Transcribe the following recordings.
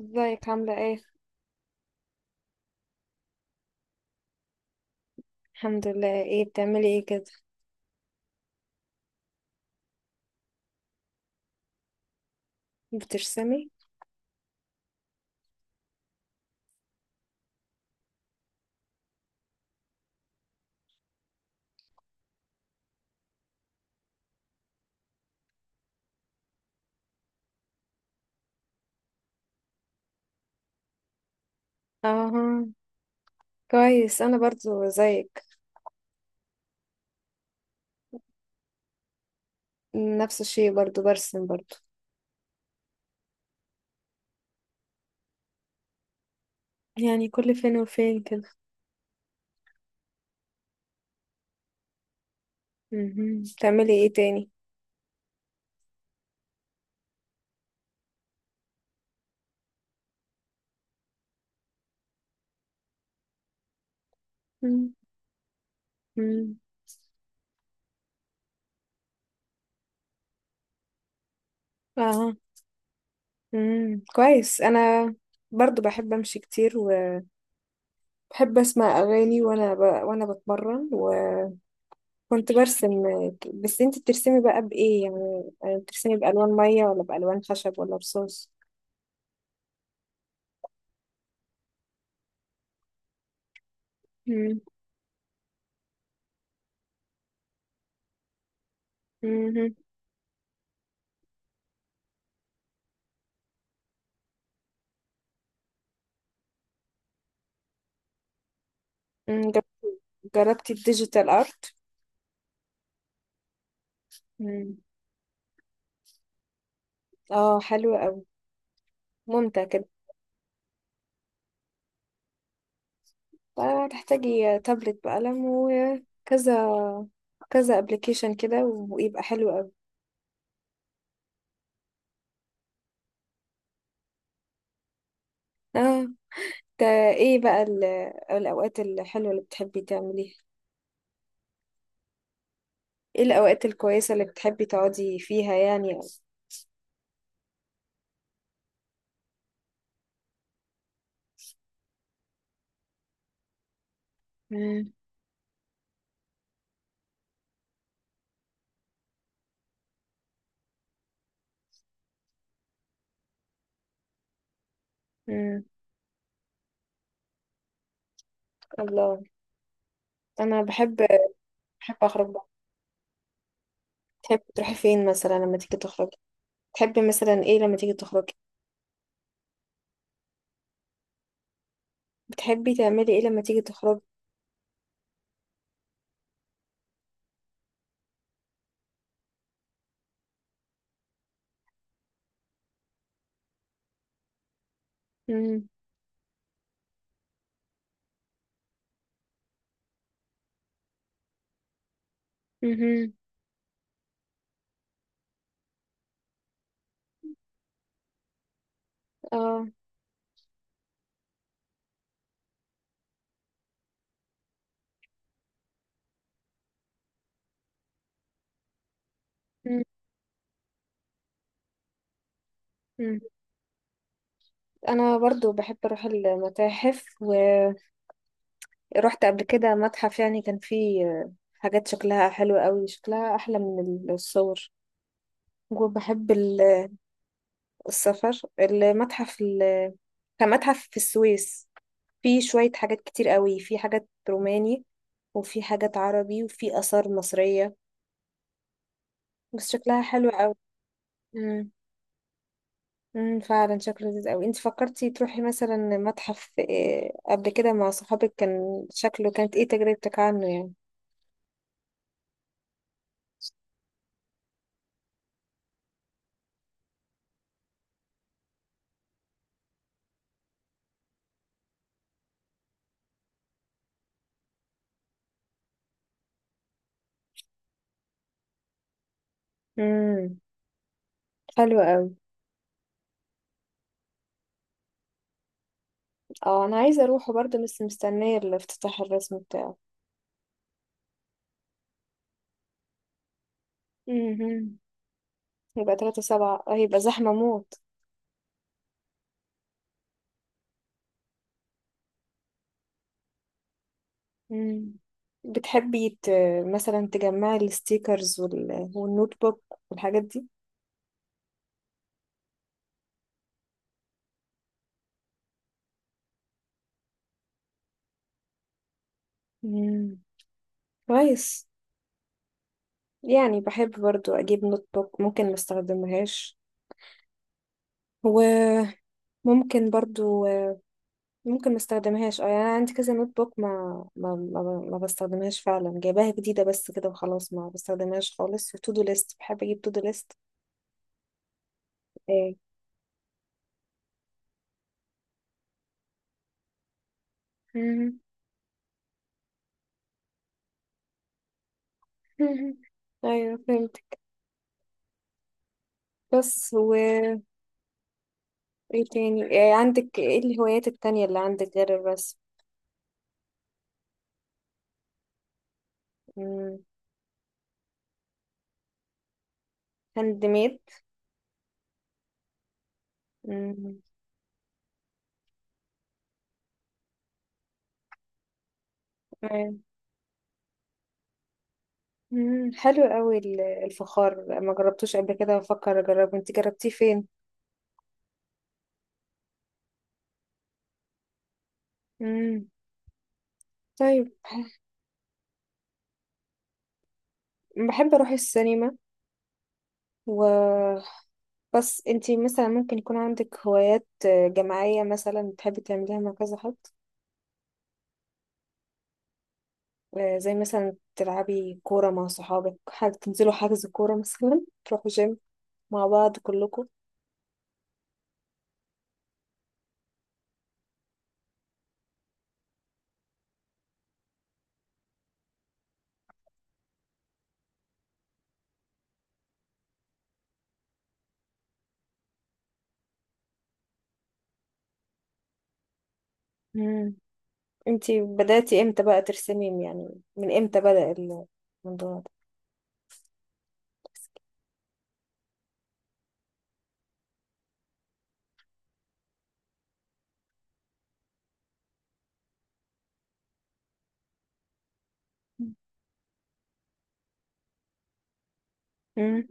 ازيك؟ عاملة ايه؟ الحمد لله. ايه بتعملي ايه كده؟ بترسمي؟ اه، كويس. انا برضو زيك، نفس الشيء، برضو برسم برضو. يعني كل فين وفين كده. مهم. بتعملي ايه تاني؟ مم. مم. اه. مم. كويس. انا برضو بحب امشي كتير، وبحب اسمع اغاني وانا وانا بتمرن، وكنت برسم. بس انتي بترسمي بقى بايه يعني؟ بترسمي بالوان مية ولا بالوان خشب ولا رصاص؟ مم. مهم. جربتي الديجيتال ارت؟ مم. اه، حلو قوي، ممتع كده. هتحتاجي تابلت بقلم، وكذا كذا ابلكيشن كده، ويبقى حلو قوي. اه. ده ايه بقى الاوقات الحلوه اللي بتحبي تعمليها؟ ايه الاوقات الكويسه اللي بتحبي تقعدي فيها يعني؟ مم. امم. الله، انا بحب، بحب اخرج بقى. تحبي تروحي فين مثلا لما تيجي تخرجي؟ تحبي مثلا ايه لما تيجي تخرجي؟ بتحبي تعملي ايه لما تيجي تخرجي؟ امم. امم. اه. مم. مم. انا برضو بحب اروح المتاحف، ورحت قبل كده متحف، يعني كان فيه حاجات شكلها حلو قوي، شكلها احلى من الصور. وبحب السفر. المتحف كان متحف في السويس، فيه شوية حاجات كتير قوي، فيه حاجات روماني وفي حاجات عربي وفي آثار مصرية، بس شكلها حلو قوي. امم، فعلا شكله لذيذ قوي. انت فكرتي تروحي مثلا متحف إيه قبل كده مع صحابك؟ كان شكله، كانت ايه تجربتك عنه يعني؟ امم، حلو قوي. اه، انا عايزه اروحه برضه، بس مستنيه الافتتاح الرسمي بتاعه. امم. يبقى 3 7؟ اه، يبقى زحمه موت. امم. بتحبي ت... مثلا تجمعي الستيكرز والنوت بوك والحاجات دي؟ امم، كويس. يعني بحب برضو اجيب نوت بوك ممكن ما استخدمهاش، وممكن برضو، ممكن ما استخدمهاش. اه يعني انا عندي كذا نوت بوك، ما ما, ما بستخدمهاش فعلا، جايباها جديده بس كده وخلاص، ما بستخدمهاش خالص. وتو دو ليست، بحب اجيب تو دو ليست. ايه، مهم. مهم. ايوه فهمت. بس و ايه تاني، إيه عندك، ايه الهوايات التانية اللي عندك غير الرسم؟ مم، هاند ميد. مم. تمام. مم، حلو قوي. الفخار ما جربتوش قبل كده، بفكر اجربه. انت جربتيه فين؟ مم، طيب، بحب اروح السينما. و بس انتي مثلا ممكن يكون عندك هوايات، آه، جماعية مثلا بتحبي تعمليها مع كذا حد؟ آه، زي مثلا تلعبي كورة مع صحابك، حاجة تنزلوا حجز كورة مثلا، تروحوا جيم مع بعض كلكم. مم. انتي بدأتي امتى بقى ترسمي يعني؟ من امتى بدأ الموضوع ده؟ مم.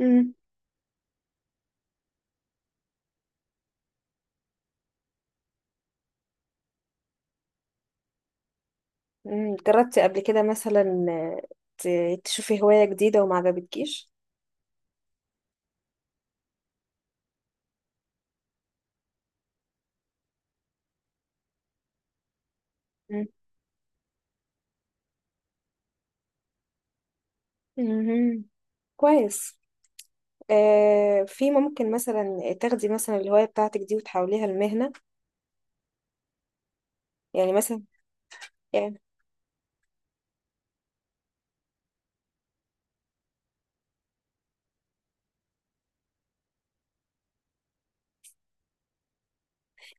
مم. مم، جربتي قبل كده مثلا آه، تشوفي هواية جديدة وما عجبتكيش؟ مم. مم. كويس. آه، في ممكن مثلا تاخدي مثلا الهواية بتاعتك دي وتحوليها لمهنة؟ يعني مثلا يعني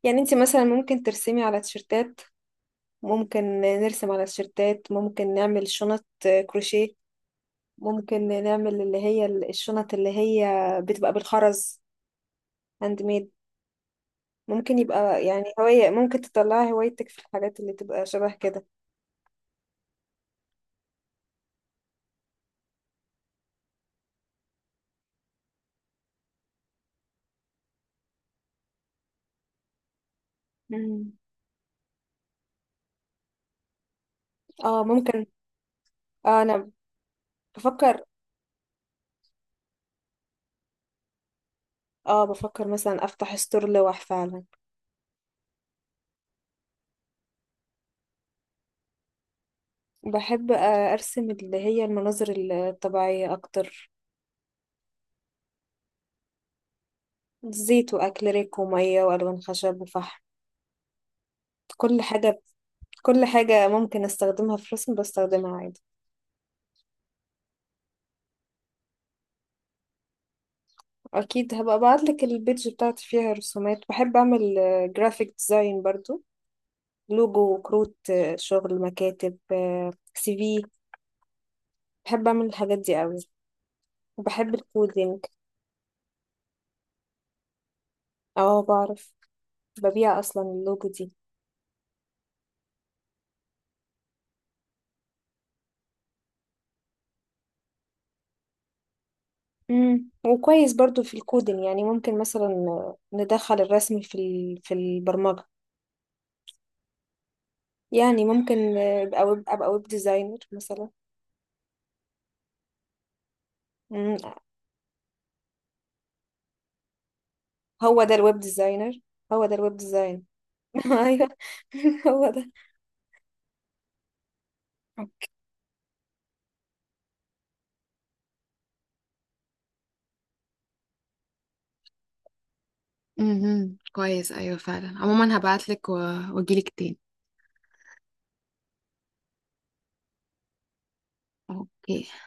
يعني انت مثلا ممكن ترسمي على تيشرتات، ممكن نرسم على تيشرتات، ممكن نعمل شنط آه، كروشيه، ممكن نعمل اللي هي الشنط اللي هي بتبقى بالخرز، هاند ميد. ممكن يبقى يعني هواية، ممكن تطلعي هوايتك في الحاجات اللي تبقى شبه كده. مم، اه ممكن. آه انا بفكر اه بفكر مثلا افتح ستور لوح فعلا. بحب آه، أرسم اللي هي المناظر الطبيعية أكتر. زيت وأكريليك ومية وألوان خشب وفحم، كل حاجة. كل حاجة ممكن أستخدمها في رسم بستخدمها عادي. أكيد هبقى أبعتلك البيج بتاعتي فيها رسومات. بحب أعمل جرافيك ديزاين برضو، لوجو وكروت، آه، شغل مكاتب، سي في. بحب أعمل الحاجات دي أوي، وبحب الكودينج. اه بعرف، ببيع أصلا اللوجو دي. مم، وكويس برضو في الكودين، يعني ممكن مثلا ندخل الرسم في في البرمجة. يعني ممكن ابقى ويب ديزاينر مثلا. مم. هو ده الويب ديزاينر، هو ده الويب ديزاين. ايوه، هو ده. مهم، كويس. ايوه فعلا. عموما هبعتلك واجيلك تاني. اوكي.